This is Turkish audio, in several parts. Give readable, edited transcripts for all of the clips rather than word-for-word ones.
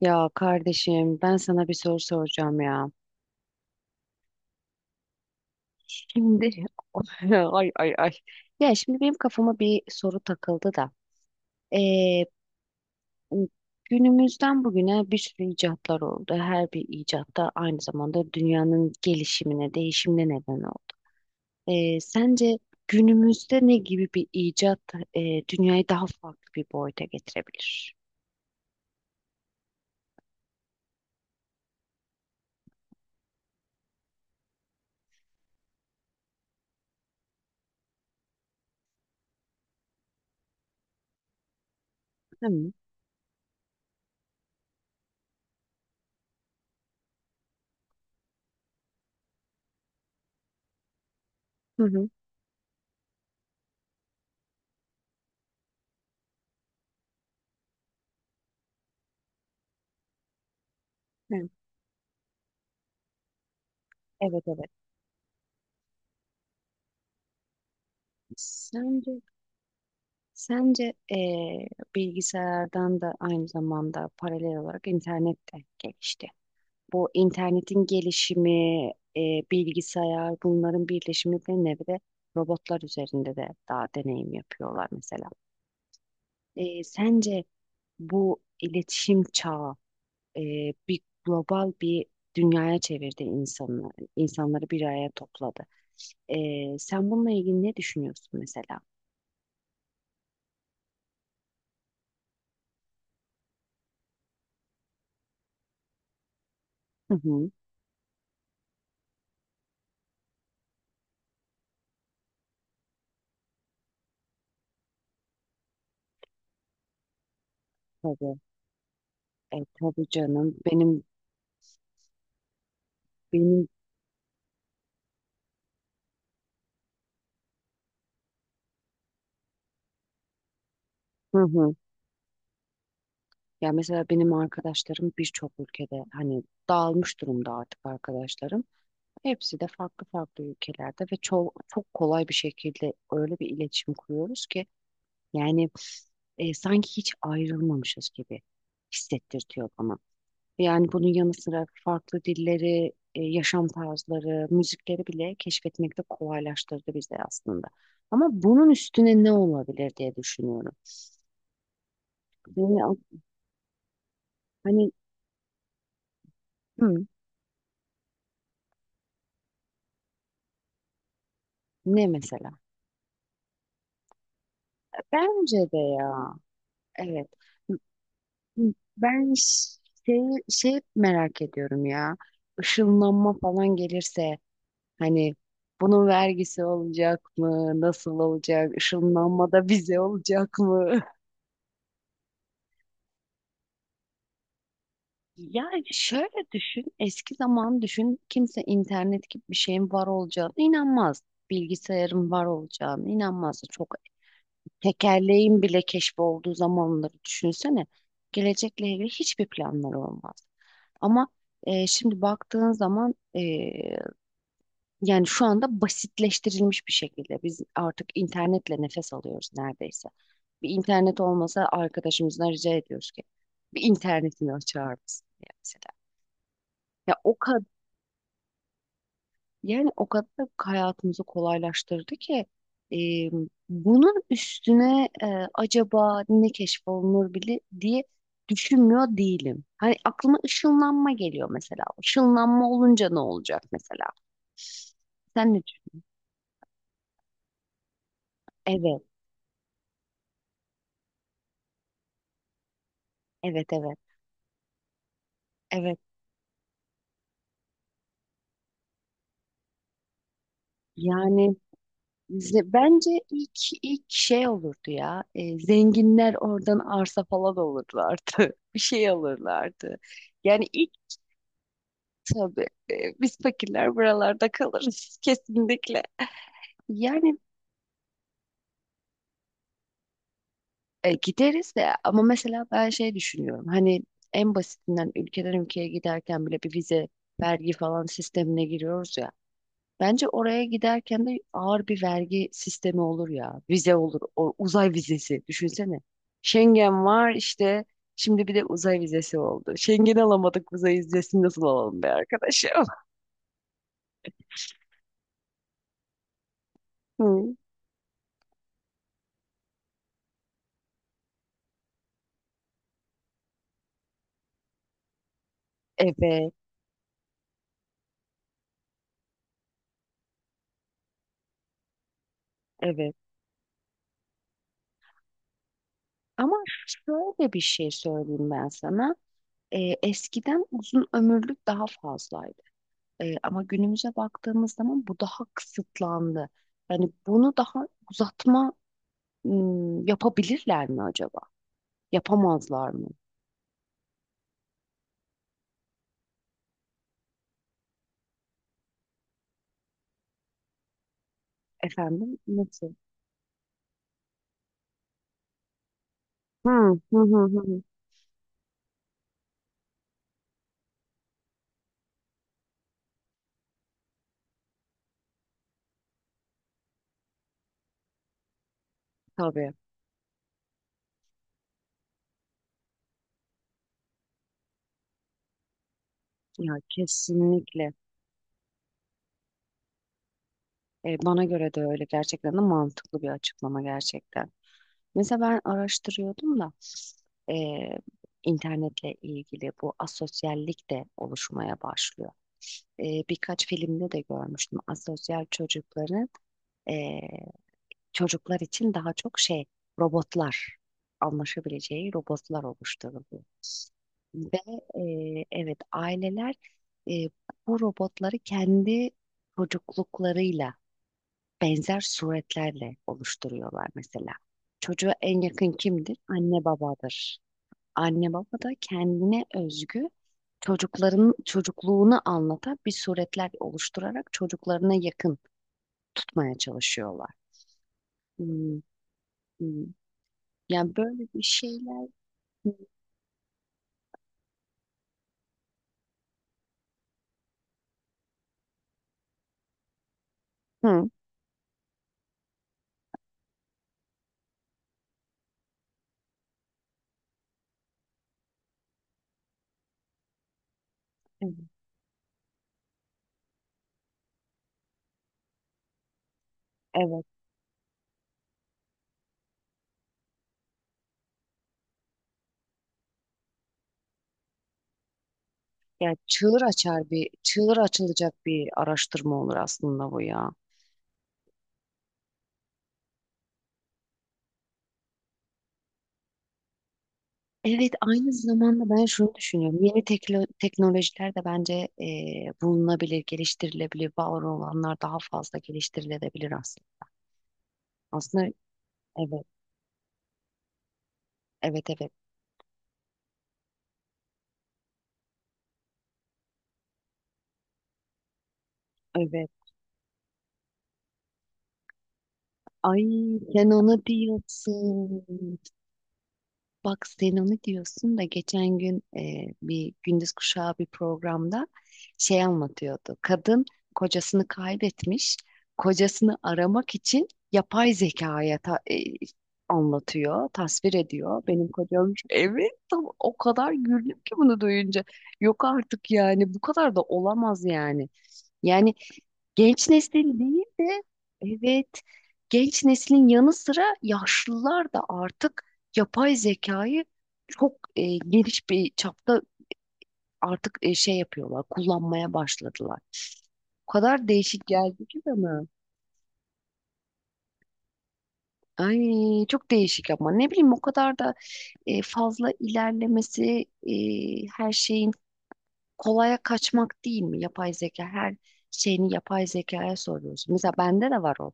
Ya kardeşim ben sana bir soru soracağım ya. Şimdi ay ay ay. Ya şimdi benim kafama bir soru takıldı da. Ee, günümüzden bugüne bir sürü icatlar oldu. Her bir icat da aynı zamanda dünyanın gelişimine, değişimine neden oldu. Sence günümüzde ne gibi bir icat e, dünyayı daha farklı bir boyuta getirebilir? Değil mi? Hı hı. Hı. Evet, evet. Sence Sence bilgisayardan da aynı zamanda paralel olarak internet de gelişti. Bu internetin gelişimi, bilgisayar bunların birleşimi ve nevre robotlar üzerinde de daha deneyim yapıyorlar mesela. Sence bu iletişim çağı bir global bir dünyaya çevirdi insanları, insanları bir araya topladı. Sen bununla ilgili ne düşünüyorsun mesela? Hı hı, tabii. E, tabii canım. Benim hı hı. Ya mesela benim arkadaşlarım birçok ülkede hani dağılmış durumda artık arkadaşlarım. Hepsi de farklı farklı ülkelerde ve çok çok kolay bir şekilde öyle bir iletişim kuruyoruz ki yani sanki hiç ayrılmamışız gibi hissettirtiyor bana. Yani bunun yanı sıra farklı dilleri, yaşam tarzları, müzikleri bile keşfetmekte kolaylaştırdı bize aslında. Ama bunun üstüne ne olabilir diye düşünüyorum. Yani hani hı. Ne mesela? Bence de ya. Evet. Ben ş- şey merak ediyorum ya. Işınlanma falan gelirse hani bunun vergisi olacak mı? Nasıl olacak? Işınlanma da bize olacak mı? Yani şöyle düşün. Eski zaman düşün. Kimse internet gibi bir şeyin var olacağına inanmaz. Bilgisayarın var olacağına inanmaz. Çok Tekerleğin bile keşfi olduğu zamanları düşünsene. Gelecekle ilgili hiçbir planları olmaz. Ama şimdi baktığın zaman yani şu anda basitleştirilmiş bir şekilde biz artık internetle nefes alıyoruz neredeyse. Bir internet olmasa arkadaşımızdan rica ediyoruz ki bir internetini açar mısın diye mesela. Ya o kadar yani o kadar hayatımızı kolaylaştırdı ki e, bunun üstüne acaba ne keşfolunur bile diye düşünmüyor değilim. Hani aklıma ışınlanma geliyor mesela. Işınlanma olunca ne olacak mesela? Sen ne düşün- Evet, evet, evet, evet. Yani bence ilk şey olurdu ya. Zenginler oradan arsa falan olurlardı. Bir şey alırlardı. Yani tabii biz fakirler buralarda kalırız kesinlikle. Yani gideriz de ama mesela ben şey düşünüyorum. Hani en basitinden ülkeden ülkeye giderken bile bir vize, vergi falan sistemine giriyoruz ya. Bence oraya giderken de ağır bir vergi sistemi olur ya. Vize olur, o uzay vizesi düşünsene. Schengen var işte. Şimdi bir de uzay vizesi oldu. Schengen alamadık, uzay vizesini nasıl alalım be arkadaşım? Hı. Evet, evet. Ama şöyle bir şey söyleyeyim ben sana. Eskiden uzun ömürlük daha fazlaydı. Ama günümüze baktığımız zaman bu daha kısıtlandı. Yani bunu daha uzatma yapabilirler mi acaba? Yapamazlar mı? Efendim nasıl? Hı hı, hı hı. Tabii. Ya kesinlikle. Bana göre de öyle gerçekten de mantıklı bir açıklama gerçekten. Mesela ben araştırıyordum da eee, internetle ilgili bu asosyallik de oluşmaya başlıyor. Birkaç filmde de görmüştüm. Asosyal çocukların eee, çocuklar için daha çok şey robotlar anlaşabileceği robotlar oluşturuluyor. Ve evet aileler, eee, bu robotları kendi çocukluklarıyla benzer suretlerle oluşturuyorlar mesela. Çocuğa en yakın kimdir? Anne babadır. Anne baba da kendine özgü çocukların çocukluğunu anlatan bir suretler oluşturarak çocuklarına yakın tutmaya çalışıyorlar. Hmm, hmm. Yani böyle bir şeyler. Hı, evet. Evet. Yani çığır açar bir, çığır açılacak bir araştırma olur aslında bu ya. Evet, aynı zamanda ben şunu düşünüyorum. Teknolojiler de bence bulunabilir, geliştirilebilir. Var olanlar daha fazla geliştirilebilir aslında. Aslında evet, evet, evet, evet. Ay, sen onu diyorsun. Bak sen onu diyorsun da geçen gün bir Gündüz Kuşağı bir programda şey anlatıyordu. Kadın kocasını kaybetmiş, kocasını aramak için yapay zekaya anlatıyor, tasvir ediyor. Benim kocam şu- evet tam o kadar güldüm ki bunu duyunca. Yok artık yani bu kadar da olamaz yani. Yani genç neslin değil de, evet, genç neslin yanı sıra yaşlılar da artık yapay zekayı çok geniş bir çapta artık şey yapıyorlar, kullanmaya başladılar. O kadar değişik geldi ki bana. Ay çok değişik ama ne bileyim o kadar da fazla ilerlemesi, her şeyin kolaya kaçmak değil mi? Yapay zeka her şeyini yapay zekaya soruyorsun. Mesela bende de var o.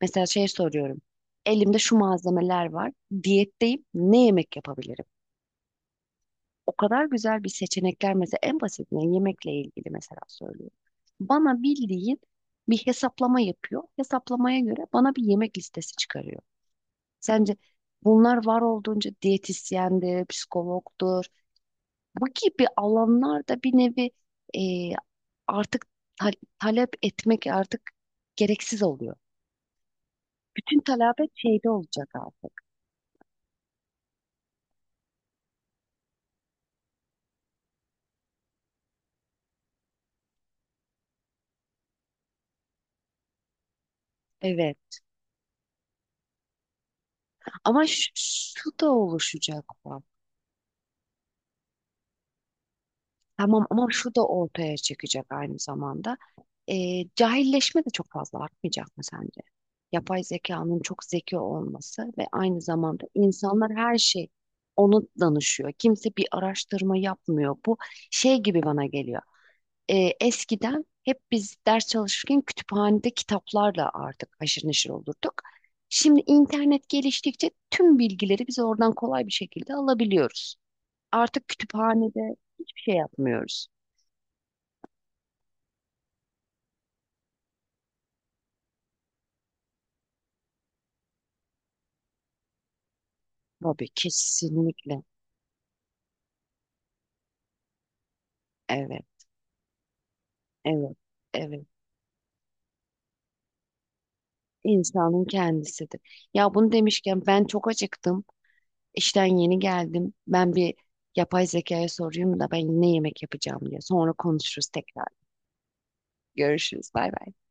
Mesela şey soruyorum. Elimde şu malzemeler var. Diyetteyim. Ne yemek yapabilirim? O kadar güzel bir seçenekler mesela en basitinden yemekle ilgili mesela söylüyor. Bana bildiğin bir hesaplama yapıyor. Hesaplamaya göre bana bir yemek listesi çıkarıyor. Sence bunlar var olduğunca diyetisyendir, psikologdur. Bu gibi alanlarda bir nevi artık ta- talep etmek artık gereksiz oluyor. Bütün talabet şeyde olacak artık. Evet. Şu da oluşacak bak. Tamam ama şu da ortaya çıkacak aynı zamanda. Cahilleşme de çok fazla artmayacak mı sence? Yapay zekanın çok zeki olması ve aynı zamanda insanlar her şey onu danışıyor. Kimse bir araştırma yapmıyor. Bu şey gibi bana geliyor. Eskiden hep biz ders çalışırken kütüphanede kitaplarla artık haşır neşir olurduk. Şimdi internet geliştikçe tüm bilgileri biz oradan kolay bir şekilde alabiliyoruz. Artık kütüphanede hiçbir şey yapmıyoruz. Tabii, kesinlikle. Evet, evet, evet. İnsanın kendisidir. Ya bunu demişken ben çok acıktım. İşten yeni geldim. Ben bir yapay zekaya sorayım da ben ne yemek yapacağım diye. Sonra konuşuruz tekrar. Görüşürüz. Bay bay.